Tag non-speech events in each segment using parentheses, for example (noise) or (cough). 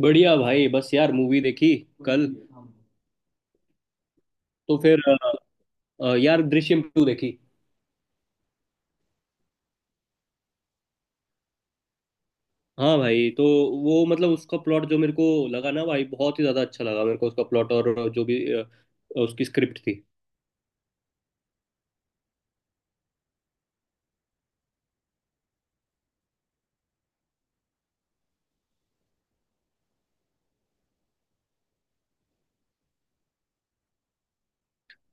बढ़िया भाई, बस यार मूवी देखी कल। तो फिर अ, यार दृश्यम टू देखी। हाँ भाई, तो वो मतलब उसका प्लॉट जो मेरे को लगा ना भाई, बहुत ही ज्यादा अच्छा लगा मेरे को उसका प्लॉट, और जो भी उसकी स्क्रिप्ट थी।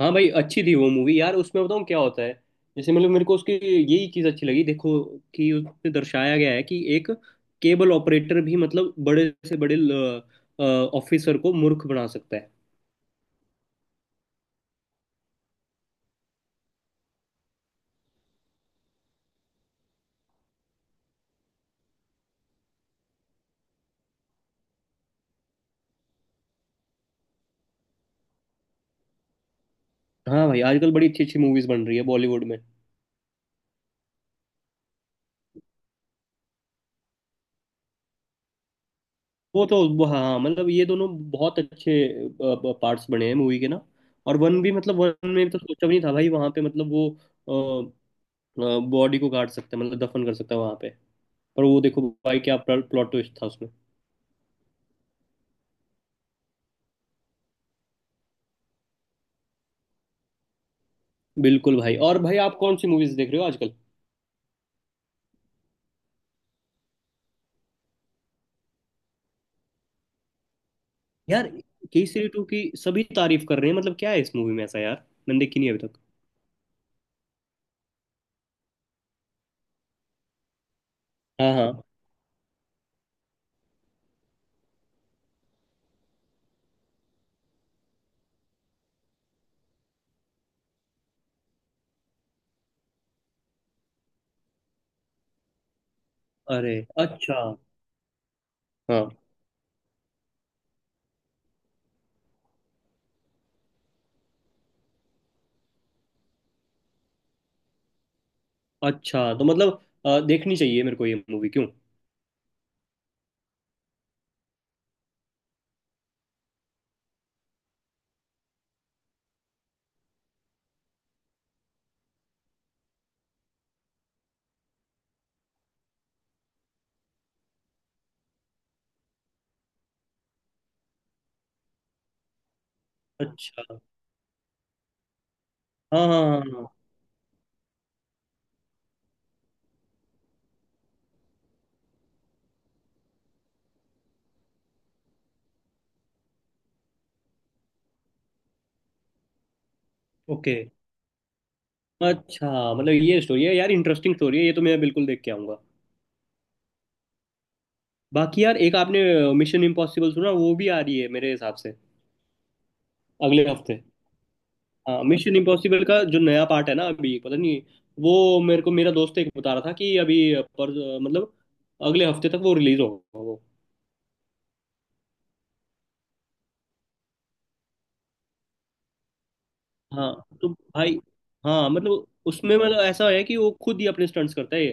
हाँ भाई, अच्छी थी वो मूवी यार। उसमें बताऊँ क्या होता है? जैसे मतलब मेरे को उसकी यही चीज़ अच्छी लगी, देखो कि उसमें दर्शाया गया है कि एक केबल ऑपरेटर भी मतलब बड़े से बड़े ऑफिसर को मूर्ख बना सकता है। हाँ भाई, आजकल बड़ी अच्छी अच्छी मूवीज बन रही है बॉलीवुड में। वो तो वो, हाँ हाँ, मतलब ये दोनों बहुत अच्छे पार्ट्स बने हैं मूवी के ना। और वन भी, मतलब वन में तो सोचा भी नहीं था भाई, वहां पे मतलब वो बॉडी को काट सकता है, मतलब दफन कर सकता है वहां पे। पर वो देखो भाई, क्या प्लॉट ट्विस्ट था उसमें। बिल्कुल भाई। और भाई, आप कौन सी मूवीज देख रहे हो आजकल? यार केसरी टू की सभी तारीफ कर रहे हैं, मतलब क्या है इस मूवी में ऐसा यार। मैंने देखी नहीं अभी तक। हाँ हाँ। अरे, अच्छा। हाँ। अच्छा तो मतलब देखनी चाहिए मेरे को ये मूवी क्यों। अच्छा। हाँ हाँ हाँ। ओके। अच्छा, मतलब ये स्टोरी है यार, इंटरेस्टिंग स्टोरी है ये तो। मैं बिल्कुल देख के आऊंगा। बाकी यार, एक आपने मिशन इम्पॉसिबल सुना? वो भी आ रही है मेरे हिसाब से अगले हफ्ते। हाँ मिशन इम्पॉसिबल का जो नया पार्ट है ना, अभी पता नहीं। वो मेरे को मेरा दोस्त एक बता रहा था कि अभी, पर मतलब अगले हफ्ते तक वो रिलीज होगा वो। हाँ तो भाई, हाँ मतलब उसमें मतलब ऐसा है कि वो खुद ही अपने स्टंट्स करता है ये।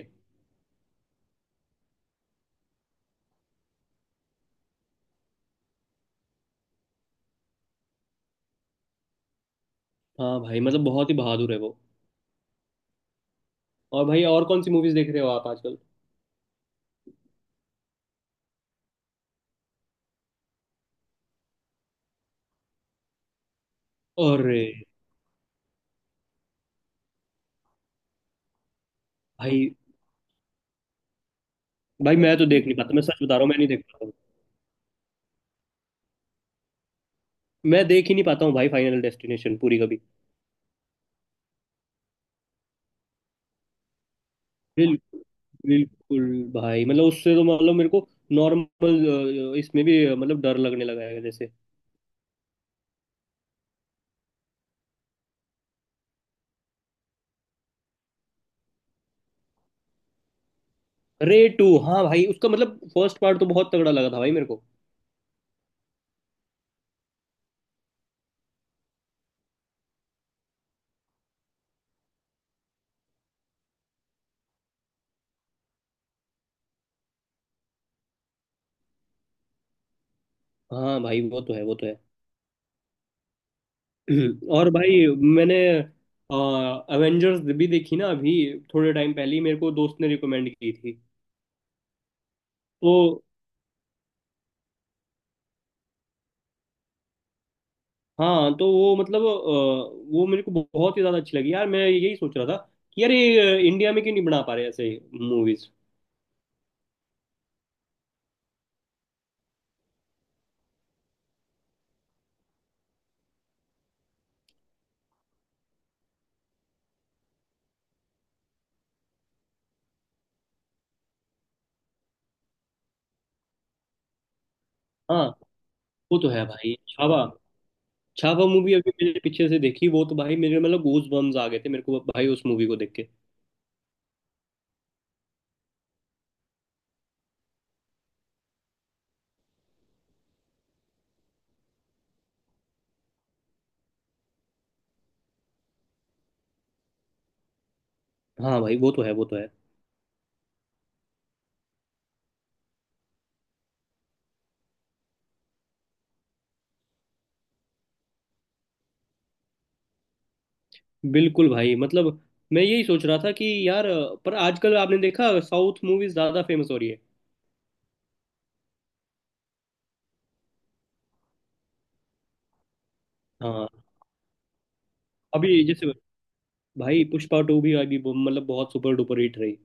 हाँ भाई, मतलब बहुत ही बहादुर है वो। और भाई, और कौन सी मूवीज देख रहे हो आप आजकल? अरे भाई, भाई मैं तो देख नहीं पाता, मैं सच बता रहा हूँ, मैं नहीं देख पाता हूँ। मैं देख ही नहीं पाता हूँ भाई, फाइनल डेस्टिनेशन पूरी कभी। बिल्कुल। बिल्कुल। भाई मतलब उससे तो मतलब मेरे को नॉर्मल इसमें भी मतलब डर लगने लगा है जैसे। रे टू, हाँ भाई, उसका मतलब फर्स्ट पार्ट तो बहुत तगड़ा लगा था भाई मेरे को। हाँ भाई वो तो है, वो तो है। (clears throat) और भाई, मैंने अवेंजर्स भी देखी ना अभी, थोड़े टाइम पहले ही। मेरे को दोस्त ने रिकमेंड की थी। तो हाँ, तो वो मतलब वो मेरे को बहुत ही ज्यादा अच्छी लगी यार। मैं यही सोच रहा था कि यार, ये इंडिया में क्यों नहीं बना पा रहे ऐसे मूवीज। हाँ वो तो है भाई। छावा, छावा मूवी अभी मेरे पीछे से देखी, वो तो भाई मेरे मतलब गूज बम्स आ गए थे मेरे को भाई उस मूवी को देख के। हाँ भाई वो तो है, वो तो है। बिल्कुल भाई, मतलब मैं यही सोच रहा था कि यार पर आजकल आपने देखा, साउथ मूवीज ज्यादा फेमस हो रही है। हाँ अभी जैसे भाई पुष्पा टू भी अभी मतलब बहुत सुपर डुपर हिट रही।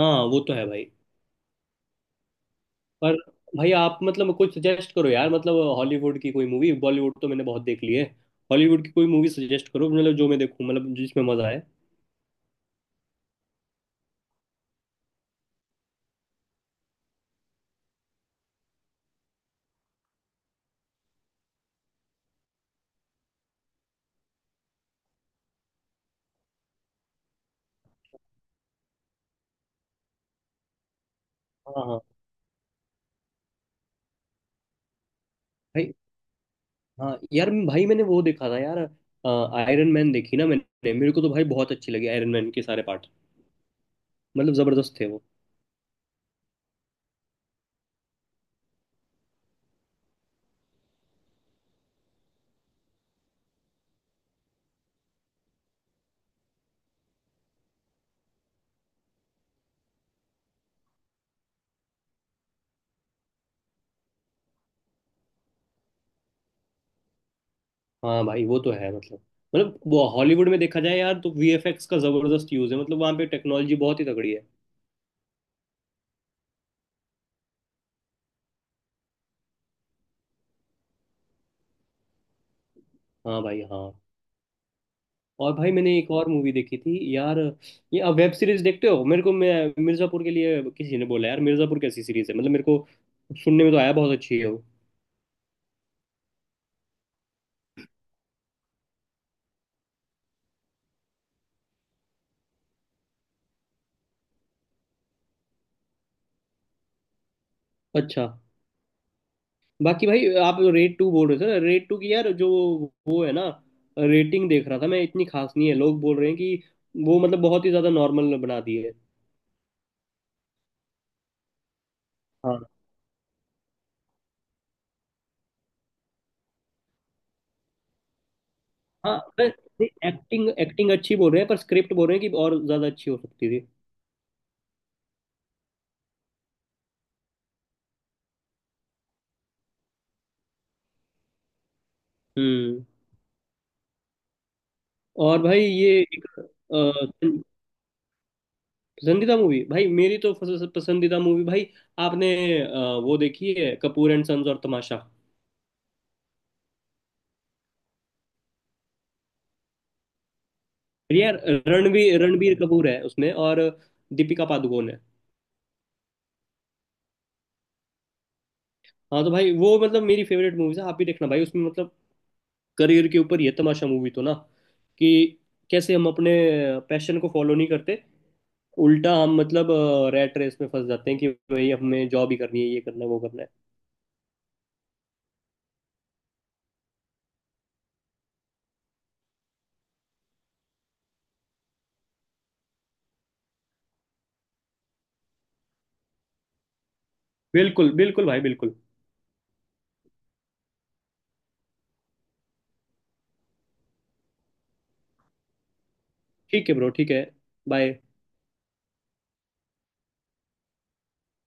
हाँ वो तो है भाई। पर भाई, आप मतलब कोई सजेस्ट करो यार, मतलब हॉलीवुड की कोई मूवी। बॉलीवुड तो मैंने बहुत देख ली है। हॉलीवुड की कोई मूवी सजेस्ट करो, मतलब जो मैं देखूं, मतलब जिसमें मजा आए। हाँ हाँ। भाई, हाँ यार, भाई मैंने वो देखा था यार, आयरन मैन देखी ना मैंने। मेरे को तो भाई बहुत अच्छी लगी आयरन मैन के सारे पार्ट, मतलब जबरदस्त थे वो। हाँ भाई वो तो है मतलब, मतलब वो हॉलीवुड में देखा जाए यार, तो वीएफएक्स का जबरदस्त यूज है, मतलब वहां पे टेक्नोलॉजी बहुत ही तगड़ी है। हाँ भाई, हाँ। और भाई मैंने एक और मूवी देखी थी यार। ये, अब वेब सीरीज देखते हो? मेरे को, मैं मिर्जापुर के लिए, किसी ने बोला यार मिर्जापुर कैसी सीरीज है, मतलब मेरे को सुनने में तो आया बहुत अच्छी है वो। अच्छा। बाकी भाई आप रेड टू बोल रहे थे, रेड टू की यार, जो वो है ना, रेटिंग देख रहा था मैं, इतनी खास नहीं है। लोग बोल रहे हैं कि वो मतलब बहुत ही ज्यादा नॉर्मल बना दी है। हाँ। हाँ। एक्टिंग एक्टिंग अच्छी बोल रहे हैं, पर स्क्रिप्ट बोल रहे हैं कि और ज्यादा अच्छी हो सकती थी। हम्म। और भाई ये एक पसंदीदा मूवी भाई, मेरी तो पसंदीदा मूवी भाई, आपने अ, वो देखी है कपूर एंड सन्स और तमाशा? यार रणवीर रणबीर कपूर है उसमें और दीपिका पादुकोण है। हाँ तो भाई वो मतलब मेरी फेवरेट मूवीज है। आप भी देखना भाई, उसमें मतलब करियर के ऊपर ये तमाशा मूवी तो ना कि कैसे हम अपने पैशन को फॉलो नहीं करते, उल्टा हम मतलब रैट रेस में फंस जाते हैं कि भाई हमें जॉब ही करनी है, ये करना है वो करना है। बिल्कुल बिल्कुल भाई, बिल्कुल। ठीक है ब्रो, ठीक है। बाय।